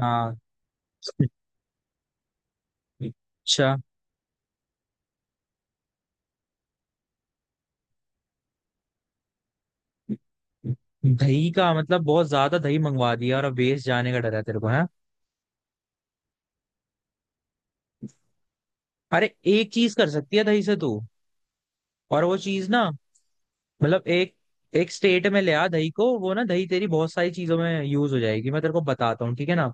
हाँ। अच्छा। दही का मतलब बहुत ज्यादा दही मंगवा दिया और अब वेस्ट जाने का डर है तेरे को है। अरे एक चीज कर सकती है दही से तू, और वो चीज ना, मतलब एक एक स्टेट में ले आ दही को, वो ना दही तेरी बहुत सारी चीजों में यूज हो जाएगी। मैं तेरे को बताता हूँ, ठीक है ना।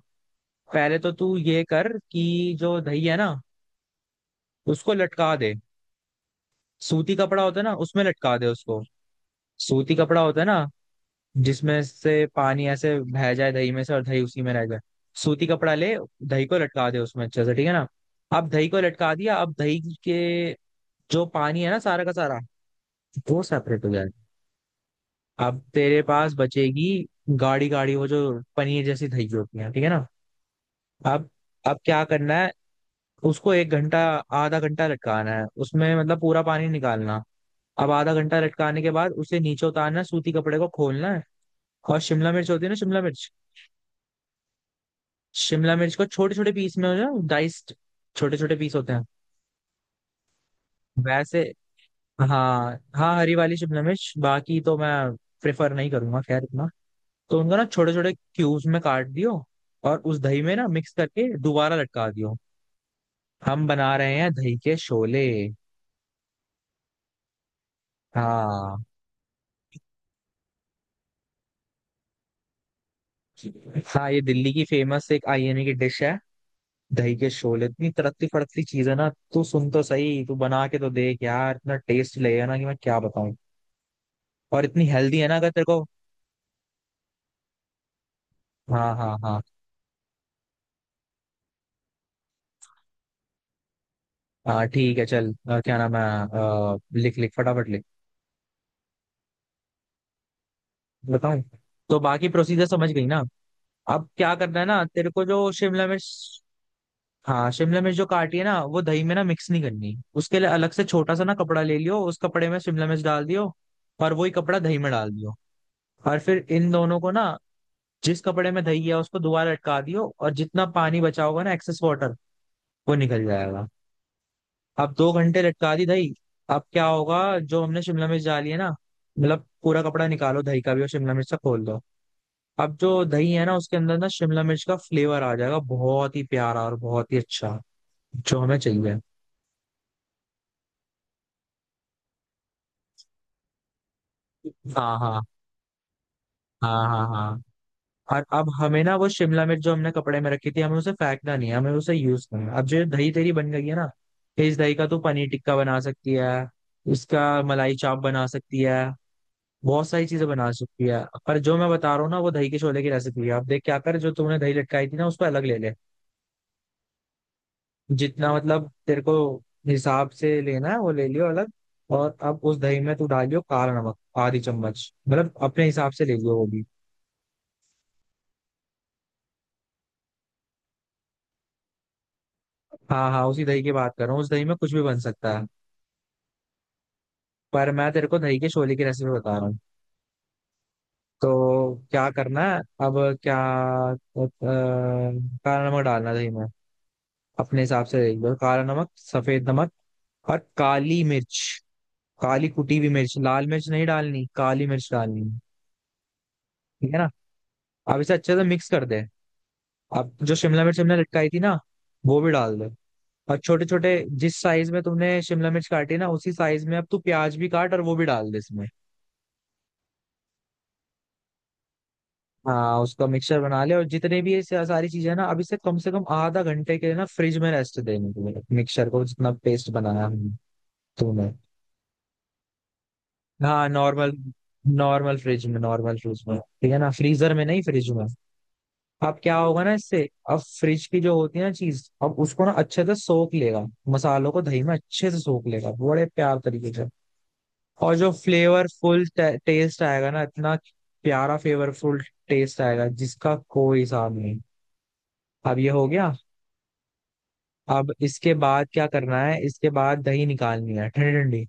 पहले तो तू ये कर कि जो दही है ना उसको लटका दे। सूती कपड़ा होता है ना, उसमें लटका दे उसको। सूती कपड़ा होता है ना जिसमें से पानी ऐसे बह जाए दही में से, और दही उसी में रह जाए। सूती कपड़ा ले, दही को लटका दे उसमें अच्छे से, ठीक है ना। अब दही को लटका दिया। अब दही के जो पानी है ना, सारा का सारा वो सेपरेट हो जाएगा। अब तेरे पास बचेगी गाढ़ी गाढ़ी वो जो पनीर जैसी दही होती है, ठीक है ना। अब अब क्या करना है। उसको 1 घंटा, आधा घंटा लटकाना है, उसमें मतलब पूरा पानी निकालना। अब आधा घंटा लटकाने के बाद उसे नीचे उतारना है, सूती कपड़े को खोलना है। और शिमला मिर्च होती है ना, शिमला मिर्च। शिमला मिर्च को छोटे छोटे पीस में हो जाए, डाइस्ड, छोटे छोटे पीस होते हैं वैसे। हाँ, हाँ, हरी वाली शिमला मिर्च, बाकी तो मैं प्रेफर नहीं करूंगा, खैर इतना। तो उनको ना छोटे छोटे क्यूब्स में काट दियो, और उस दही में ना मिक्स करके दोबारा लटका दियो। हम बना रहे हैं दही के शोले। हाँ, हाँ, ये दिल्ली की फेमस एक आईएमए की डिश है। दही के शोले इतनी तड़कती फड़कती चीज है ना। तू सुन तो सही, तू बना के तो देख यार, इतना टेस्ट लगेगा ना कि मैं क्या बताऊं। और इतनी हेल्दी है ना, अगर तेरे को। हाँ, हाँ, हाँ, हाँ, ठीक है चल। क्या नाम है, लिख लिख फटाफट लिख। बताऊं? तो बाकी प्रोसीजर समझ गई ना। अब क्या करना है ना तेरे को, जो शिमला मिर्च। हाँ, शिमला मिर्च जो काटी है ना वो दही में ना मिक्स नहीं करनी। उसके लिए अलग से छोटा सा ना कपड़ा ले लियो, उस कपड़े में शिमला मिर्च डाल दियो। और वही कपड़ा दही में डाल दियो। और फिर इन दोनों को ना, जिस कपड़े में दही है उसको दोबारा लटका दियो, और जितना पानी बचा होगा ना, एक्सेस वाटर, वो निकल जाएगा। अब 2 घंटे लटका दी दही। अब क्या होगा जो हमने शिमला मिर्च डाली है ना, मतलब पूरा कपड़ा निकालो दही का भी, और शिमला मिर्च से खोल दो। अब जो दही है ना उसके अंदर ना शिमला मिर्च का फ्लेवर आ जाएगा, बहुत ही प्यारा और बहुत ही अच्छा, जो हमें चाहिए। हाँ, हाँ, हाँ, हाँ, हाँ। और अब हमें ना वो शिमला मिर्च जो हमने कपड़े में रखी थी, हमें उसे फेंकना नहीं है, हमें उसे यूज करना है। अब जो दही तेरी बन गई है ना, इस दही का तू पनीर टिक्का बना सकती है, इसका मलाई चाप बना सकती है, बहुत सारी चीजें बना सकती है, पर जो मैं बता रहा हूँ ना वो दही के छोले की रेसिपी है। आप देख क्या कर, जो तूने दही लटकाई थी ना उसको अलग ले ले, जितना मतलब तेरे को हिसाब से लेना है वो ले लियो अलग। और अब उस दही में तू डालियो काला नमक आधी चम्मच, मतलब अपने हिसाब से ले लियो वो भी। हाँ, हाँ, उसी दही की बात कर रहा हूँ, उस दही में कुछ भी बन सकता है। पर मैं तेरे को दही के छोले की रेसिपी बता रहा हूँ। तो क्या करना है, अब क्या, अ, काला नमक डालना है दही में, अपने हिसाब से ले लियो, काला नमक, सफेद नमक और काली मिर्च, काली कुटी हुई मिर्च, लाल मिर्च नहीं डालनी, काली मिर्च डालनी है, ठीक है ना। अब इसे अच्छे से मिक्स कर दे। अब जो शिमला मिर्च हमने लटकाई थी ना वो भी डाल दे, और छोटे छोटे जिस साइज में तुमने शिमला मिर्च काटी ना उसी साइज में अब तू प्याज भी काट और वो भी डाल दे इसमें। हाँ, उसका मिक्सचर बना ले, और जितने भी ये सारी चीजें हैं ना, अब इसे कम से कम आधा घंटे के लिए ना फ्रिज में रेस्ट देने, तुम्हें मिक्सचर को जितना पेस्ट बनाया हमने, तूने। हाँ, नॉर्मल। नॉर्मल फ्रिज में, नॉर्मल फ्रिज में, ठीक है ना, फ्रीजर में नहीं, फ्रिज में। अब क्या होगा ना इससे। अब फ्रिज की जो होती है ना चीज, अब उसको ना अच्छे से सोख लेगा, मसालों को दही में अच्छे से सोख लेगा, बड़े प्यार तरीके से। और जो फ्लेवरफुल टेस्ट आएगा ना इतना प्यारा फ्लेवरफुल टेस्ट आएगा, जिसका कोई हिसाब नहीं। अब ये हो गया। अब इसके बाद क्या करना है, इसके बाद दही निकालनी है ठंडी ठंडी।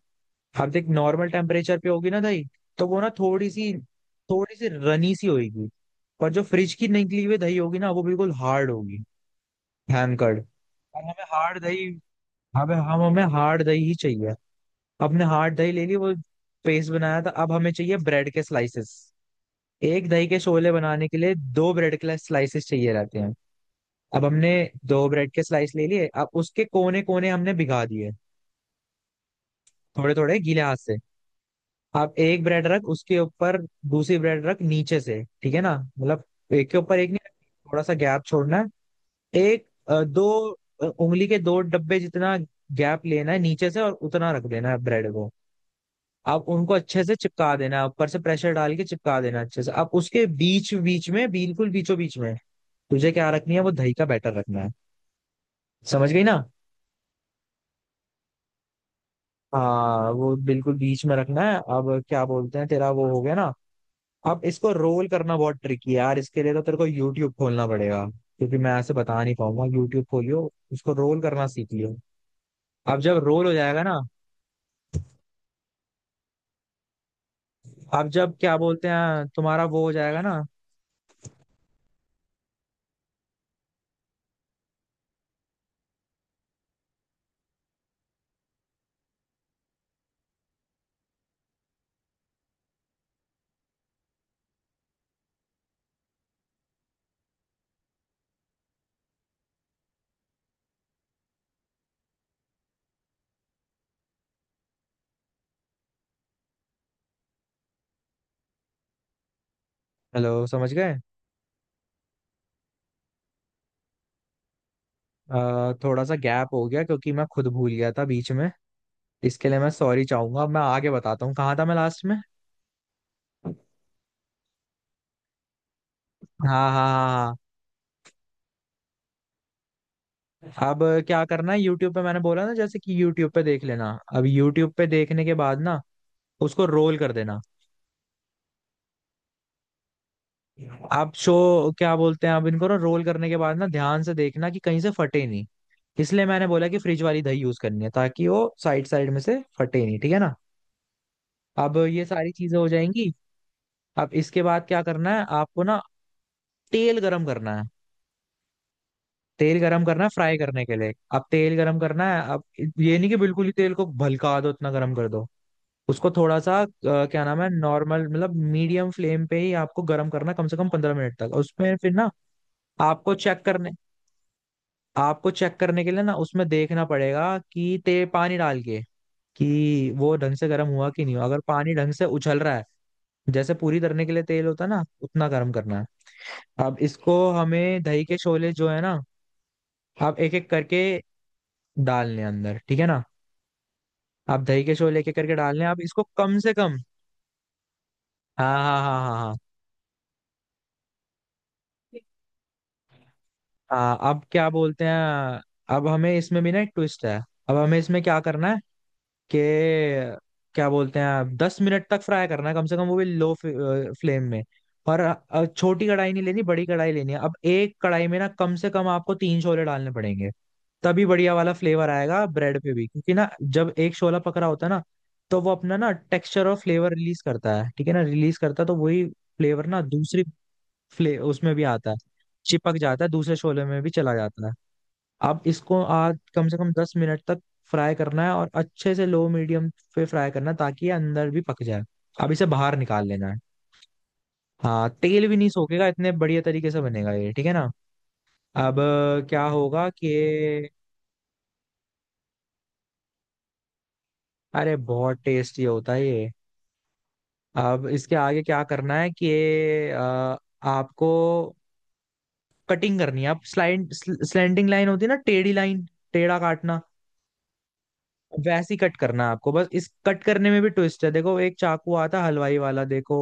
अब देख नॉर्मल टेम्परेचर पे होगी ना दही, तो वो ना थोड़ी सी रनी सी होगी, पर जो फ्रिज की निकली हुई दही होगी ना वो बिल्कुल हार्ड होगी, हैंकर्ड। और हमें हार्ड दही, हमें, हम हमें हार्ड दही ही चाहिए। अपने हार्ड दही ले ली, वो पेस्ट बनाया था। अब हमें चाहिए ब्रेड के स्लाइसेस। एक दही के शोले बनाने के लिए दो ब्रेड के स्लाइसेस चाहिए रहते हैं। अब हमने दो ब्रेड के स्लाइस ले लिए, अब उसके कोने कोने हमने भिगा दिए थोड़े थोड़े गीले हाथ से। अब एक ब्रेड रख, उसके ऊपर दूसरी ब्रेड रख नीचे से, ठीक है ना, मतलब एक के ऊपर एक नहीं, थोड़ा सा गैप छोड़ना है। एक, दो, उंगली के दो डब्बे जितना गैप लेना है नीचे से, और उतना रख देना है ब्रेड को। आप उनको अच्छे से चिपका देना है, ऊपर से प्रेशर डाल के चिपका देना अच्छे से, अब उसके बीच बीच में, बिल्कुल बीचों बीच में तुझे क्या रखनी है, वो दही का बैटर रखना है। समझ गई ना। हाँ, वो बिल्कुल बीच में रखना है। अब क्या बोलते हैं, तेरा वो हो गया ना। अब इसको रोल करना बहुत ट्रिकी है यार, इसके लिए तो तेरे को यूट्यूब खोलना पड़ेगा क्योंकि मैं ऐसे बता नहीं पाऊंगा। यूट्यूब खोलियो, उसको रोल करना सीख लियो। अब जब रोल हो जाएगा ना, अब जब क्या बोलते हैं तुम्हारा वो हो जाएगा ना। हेलो, समझ गए? थोड़ा सा गैप हो गया क्योंकि मैं खुद भूल गया था बीच में, इसके लिए मैं सॉरी चाहूंगा। अब मैं आगे बताता हूँ, कहाँ था मैं लास्ट में। हाँ, हाँ, हाँ, हाँ। हाँ। अब क्या करना है, यूट्यूब पे मैंने बोला ना, जैसे कि यूट्यूब पे देख लेना। अब यूट्यूब पे देखने के बाद ना उसको रोल कर देना। अब शो क्या बोलते हैं, अब इनको ना रोल करने के बाद ना ध्यान से देखना कि कहीं से फटे नहीं। इसलिए मैंने बोला कि फ्रिज वाली दही यूज करनी है, ताकि वो साइड साइड में से फटे नहीं, ठीक है ना। अब ये सारी चीजें हो जाएंगी। अब इसके बाद क्या करना है आपको ना, तेल गरम करना है। तेल गरम करना है फ्राई करने के लिए, अब तेल गरम करना है। अब ये नहीं कि बिल्कुल ही तेल को भलका दो, इतना गरम कर दो। उसको थोड़ा सा, क्या नाम है, नॉर्मल मतलब मीडियम फ्लेम पे ही आपको गरम करना है, कम से कम 15 मिनट तक, और उसमें फिर ना आपको चेक करने, के लिए ना उसमें देखना पड़ेगा कि ते पानी डाल के कि वो ढंग से गर्म हुआ कि नहीं हुआ। अगर पानी ढंग से उछल रहा है, जैसे पूरी तरने के लिए तेल होता है ना, उतना गर्म करना है। अब इसको हमें दही के शोले जो है ना आप एक एक करके डालने हैं अंदर, ठीक है ना। आप दही के शोले एक एक करके डालने हैं। आप इसको कम से कम। हाँ, हाँ, हाँ, हाँ, हाँ, हाँ। अब क्या बोलते हैं, अब हमें इसमें भी ना एक ट्विस्ट है। अब हमें इसमें क्या करना, के क्या बोलते हैं, आप 10 मिनट तक फ्राई करना है कम से कम, वो भी लो फ्लेम में। और छोटी कढ़ाई नहीं लेनी, बड़ी कढ़ाई लेनी है। अब एक कढ़ाई में ना कम से कम आपको तीन छोले डालने पड़ेंगे, तभी बढ़िया वाला फ्लेवर आएगा ब्रेड पे भी। क्योंकि ना जब एक शोला पक रहा होता है ना, तो वो अपना ना टेक्सचर और फ्लेवर रिलीज करता है, ठीक है ना, रिलीज करता है तो वही फ्लेवर ना दूसरी फ्ले उसमें भी आता है, चिपक जाता है, दूसरे शोले में भी चला जाता है। अब इसको आज कम से कम 10 मिनट तक फ्राई करना है, और अच्छे से लो मीडियम पे फ्राई करना है ताकि ये अंदर भी पक जाए। अब इसे बाहर निकाल लेना है। हाँ, तेल भी नहीं सोखेगा, इतने बढ़िया तरीके से बनेगा ये, ठीक है ना। अब क्या होगा कि, अरे बहुत टेस्टी होता है ये। अब इसके आगे क्या करना है कि अ, आपको कटिंग करनी है। आप स्लाइड स्लैंडिंग लाइन होती है ना, टेढ़ी लाइन, टेढ़ा काटना, वैसी कट करना है आपको। बस इस कट करने में भी ट्विस्ट है, देखो एक चाकू आता हलवाई वाला, देखो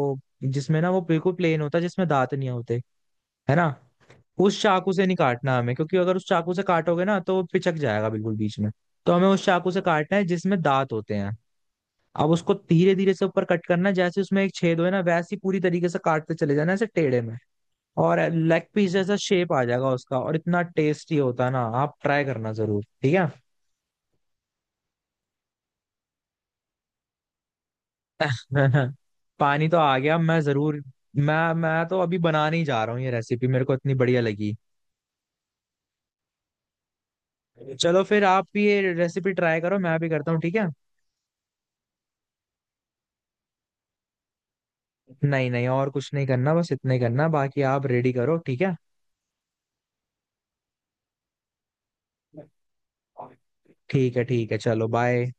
जिसमें ना वो बिल्कुल प्लेन होता है, जिसमें दांत नहीं होते, है ना। उस चाकू से नहीं काटना हमें, क्योंकि अगर उस चाकू से काटोगे ना तो वो पिचक जाएगा बिल्कुल बीच में। तो हमें उस चाकू से काटना है जिसमें दांत होते हैं। अब उसको धीरे धीरे से ऊपर कट करना है, जैसे उसमें एक छेद हो, है ना, वैसे ही पूरी तरीके से काटते चले जाना ऐसे टेढ़े में। और लेग पीस जैसा शेप आ जाएगा उसका, और इतना टेस्टी होता है ना, आप ट्राई करना जरूर, ठीक है। पानी तो आ गया। मैं जरूर, मैं तो अभी बनाने ही जा रहा हूँ, ये रेसिपी मेरे को इतनी बढ़िया लगी। चलो फिर आप भी ये रेसिपी ट्राई करो, मैं भी करता हूँ, ठीक है। नहीं, नहीं, और कुछ नहीं करना, बस इतना ही करना, बाकी आप रेडी करो, ठीक है। ठीक है, ठीक है, चलो बाय।